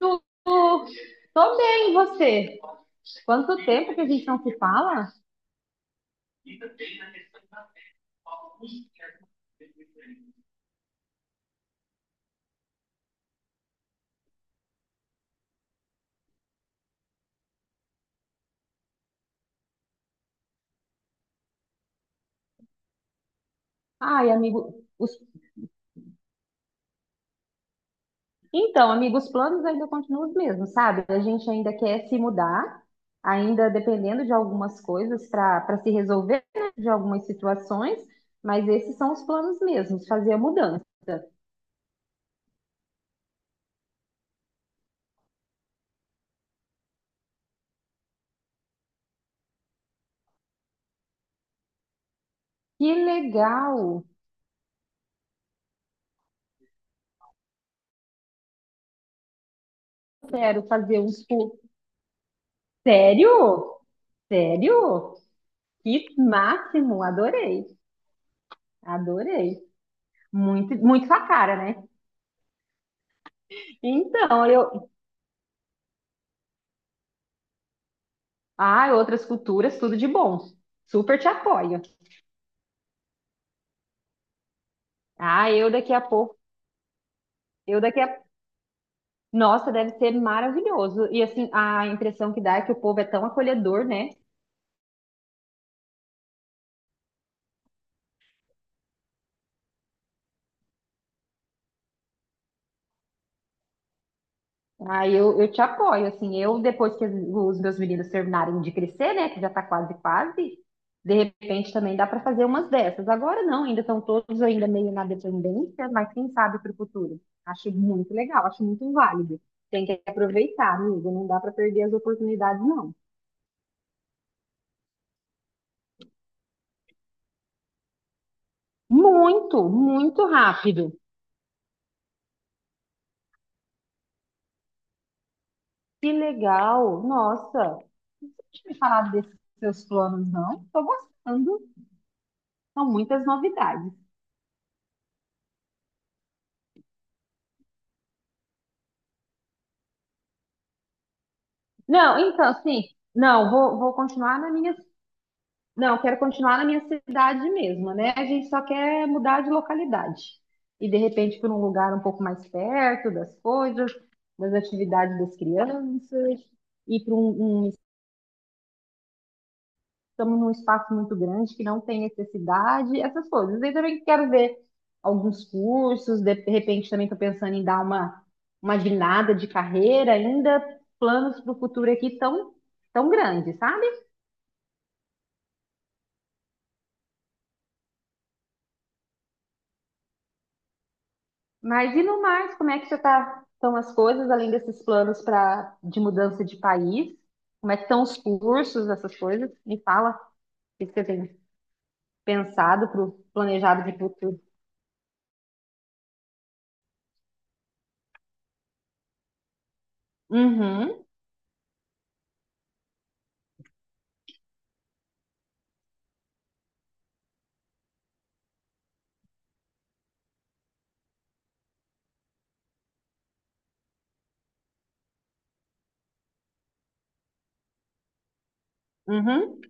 Tu- Tô bem, e você? Quanto tempo que a gente não se fala? Ai, amigo, os... então, amigo, os planos ainda continuam os mesmos, sabe? A gente ainda quer se mudar, ainda dependendo de algumas coisas para se resolver, né, de algumas situações, mas esses são os planos mesmos, fazer a mudança. Que legal! Quero fazer uns tour. Sério? Sério? Que máximo! Adorei, adorei. Muito, muito sua cara, né? Então, eu. Ah, outras culturas, tudo de bom. Super te apoio. Ah, eu daqui a pouco. Eu daqui a. Nossa, deve ser maravilhoso. E assim, a impressão que dá é que o povo é tão acolhedor, né? Ah, eu te apoio, assim, eu depois que os meus meninos terminarem de crescer, né, que já tá quase, quase, de repente também dá para fazer umas dessas. Agora não, ainda estão todos ainda meio na dependência, mas quem sabe para o futuro. Acho muito legal, acho muito válido. Tem que aproveitar, amigo, não dá para perder as oportunidades, não. Muito, muito rápido. Que legal, nossa. Não tinha me falado desses seus planos, não. Tô gostando, são muitas novidades. Não, então, assim, não, vou continuar na minha. Não, quero continuar na minha cidade mesmo, né? A gente só quer mudar de localidade. E de repente para um lugar um pouco mais perto das coisas, das atividades das crianças, e estamos num espaço muito grande que não tem necessidade, essas coisas. E também quero ver alguns cursos, de repente também estou pensando em dar uma guinada de carreira, ainda planos para o futuro aqui tão, tão grandes, sabe? Mas e no mais, como é que já tá, estão as coisas, além desses planos de mudança de país? Como é que estão os cursos, essas coisas? Me fala o que você tem pensado para o planejado de futuro. Uhum, uhum,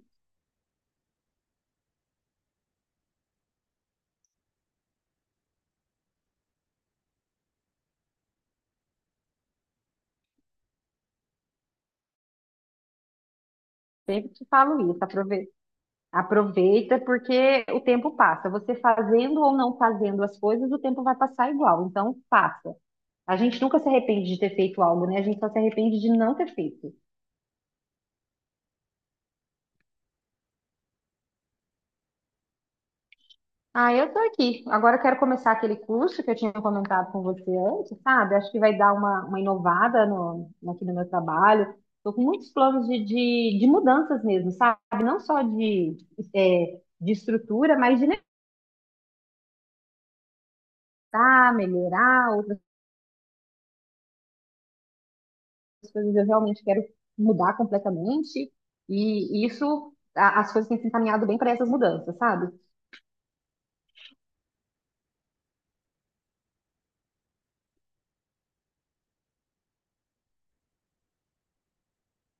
sempre te falo isso. Aproveita, aproveita porque o tempo passa. Você fazendo ou não fazendo as coisas, o tempo vai passar igual. Então, faça. A gente nunca se arrepende de ter feito algo, né? A gente só se arrepende de não ter feito. Ah, eu tô aqui. Agora eu quero começar aquele curso que eu tinha comentado com você antes, sabe? Acho que vai dar uma inovada aqui no meu trabalho. Tô com muitos planos de mudanças mesmo, sabe? Não só de, é, de estrutura, mas de melhorar, melhorar outras coisas. Eu realmente quero mudar completamente. E isso, as coisas têm se encaminhado bem para essas mudanças, sabe?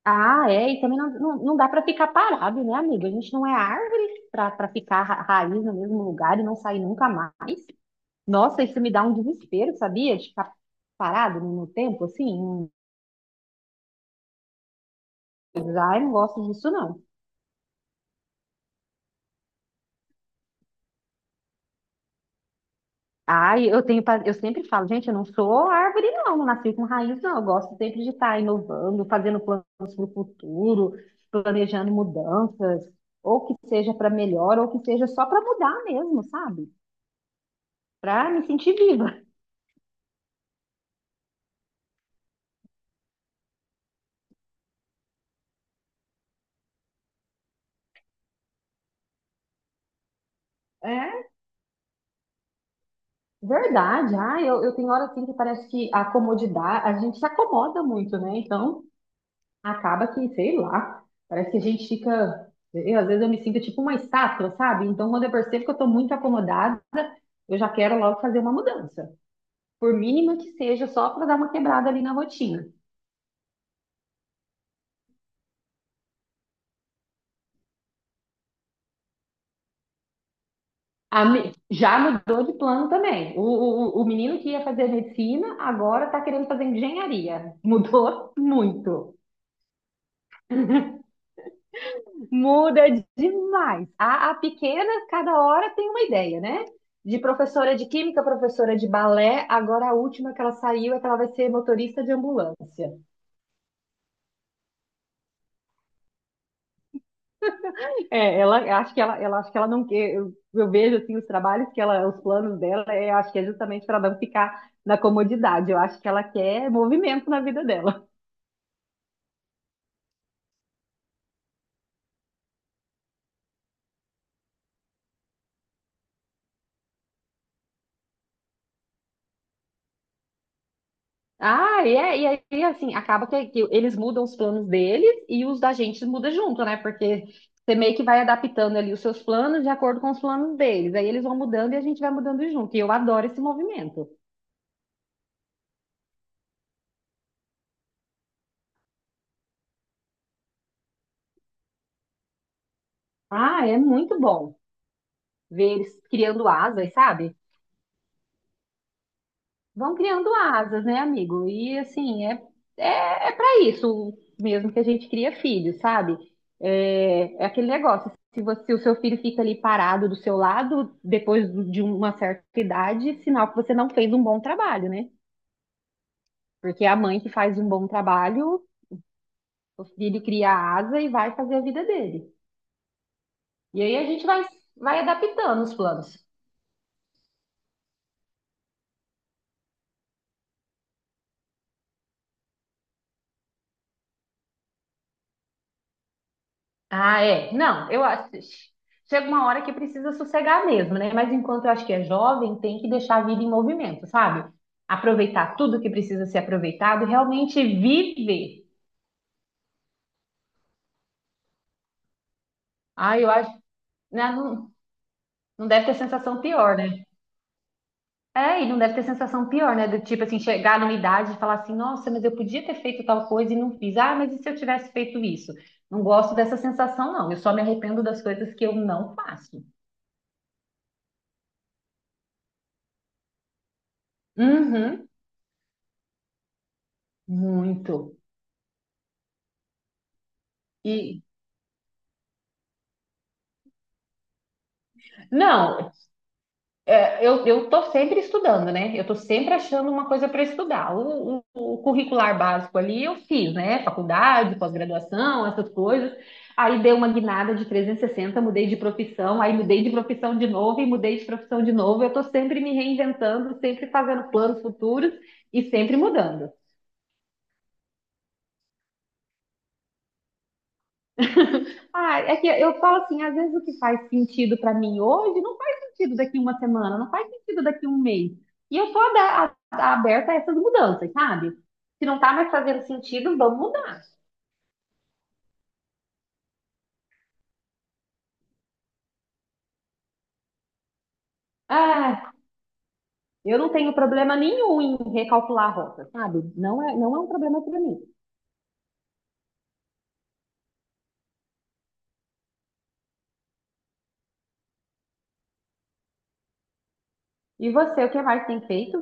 Ah, é, e também não dá para ficar parado, né, amiga? A gente não é árvore para ficar raiz no mesmo lugar e não sair nunca mais. Nossa, isso me dá um desespero, sabia? De ficar parado no tempo, assim. Ai, não gosto disso, não. Ai, eu sempre falo, gente, eu não sou árvore, não, não nasci com raiz, não. Eu gosto sempre de estar inovando, fazendo planos para o futuro, planejando mudanças, ou que seja para melhor, ou que seja só para mudar mesmo, sabe? Para me sentir viva. É. Verdade, ah, eu tenho hora assim que parece que a comodidade, a gente se acomoda muito, né? Então, acaba que, sei lá, parece que a gente fica, eu, às vezes eu me sinto tipo uma estátua, sabe? Então, quando eu percebo que eu tô muito acomodada, eu já quero logo fazer uma mudança, por mínima que seja, só para dar uma quebrada ali na rotina. Já mudou de plano também. O menino que ia fazer medicina agora tá querendo fazer engenharia. Mudou muito. Muda demais. A pequena, cada hora tem uma ideia, né? De professora de química, professora de balé, agora a última que ela saiu é que ela vai ser motorista de ambulância. É, ela acho que ela não quer. Eu vejo assim os trabalhos que ela, os planos dela, é, acho que é justamente para não ficar na comodidade. Eu acho que ela quer movimento na vida dela. Ah, e aí, assim, acaba que eles mudam os planos deles e os da gente muda junto, né? Porque você meio que vai adaptando ali os seus planos de acordo com os planos deles. Aí eles vão mudando e a gente vai mudando junto. E eu adoro esse movimento. Ah, é muito bom ver eles criando asas, sabe? Vão criando asas, né, amigo? E assim, é para isso mesmo que a gente cria filho, sabe? É, é aquele negócio. Se o seu filho fica ali parado do seu lado, depois de uma certa idade, sinal que você não fez um bom trabalho, né? Porque a mãe que faz um bom trabalho, o filho cria asa e vai fazer a vida dele. E aí vai adaptando os planos. Ah, é. Não, eu acho. Chega uma hora que precisa sossegar mesmo, né? Mas enquanto eu acho que é jovem, tem que deixar a vida em movimento, sabe? Aproveitar tudo que precisa ser aproveitado, e realmente viver. Ah, eu acho. Né, não, não deve ter sensação pior, né? É, e não deve ter sensação pior, né? Do tipo assim, chegar numa idade e falar assim, nossa, mas eu podia ter feito tal coisa e não fiz. Ah, mas e se eu tivesse feito isso? Não gosto dessa sensação, não. Eu só me arrependo das coisas que eu não faço. Uhum, muito. E. Não, cara, eu tô sempre estudando, né? Eu tô sempre achando uma coisa para estudar. O curricular básico ali eu fiz, né? Faculdade, pós-graduação, essas coisas. Aí dei uma guinada de 360, mudei de profissão, aí mudei de profissão de novo e mudei de profissão de novo. Eu tô sempre me reinventando, sempre fazendo planos futuros e sempre mudando. Ah, é que eu falo assim, às vezes o que faz sentido para mim hoje não faz sentido daqui uma semana, não faz sentido daqui um mês. E eu tô aberta a essas mudanças, sabe? Se não tá mais fazendo sentido, vamos mudar. Ah, eu não tenho problema nenhum em recalcular a rota, sabe? Não é um problema para mim. E você, o que mais tem feito?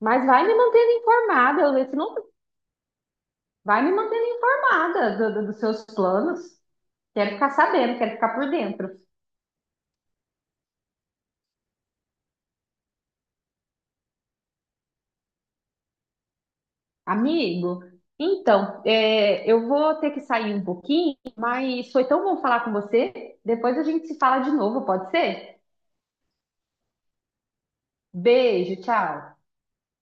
Mas vai me mantendo informada, eu- se não, vai me mantendo informada dos seus planos. Quero ficar sabendo, quero ficar por dentro. Amigo, então, é, eu vou ter que sair um pouquinho, mas foi tão bom falar com você. Depois a gente se fala de novo, pode ser? Beijo, tchau.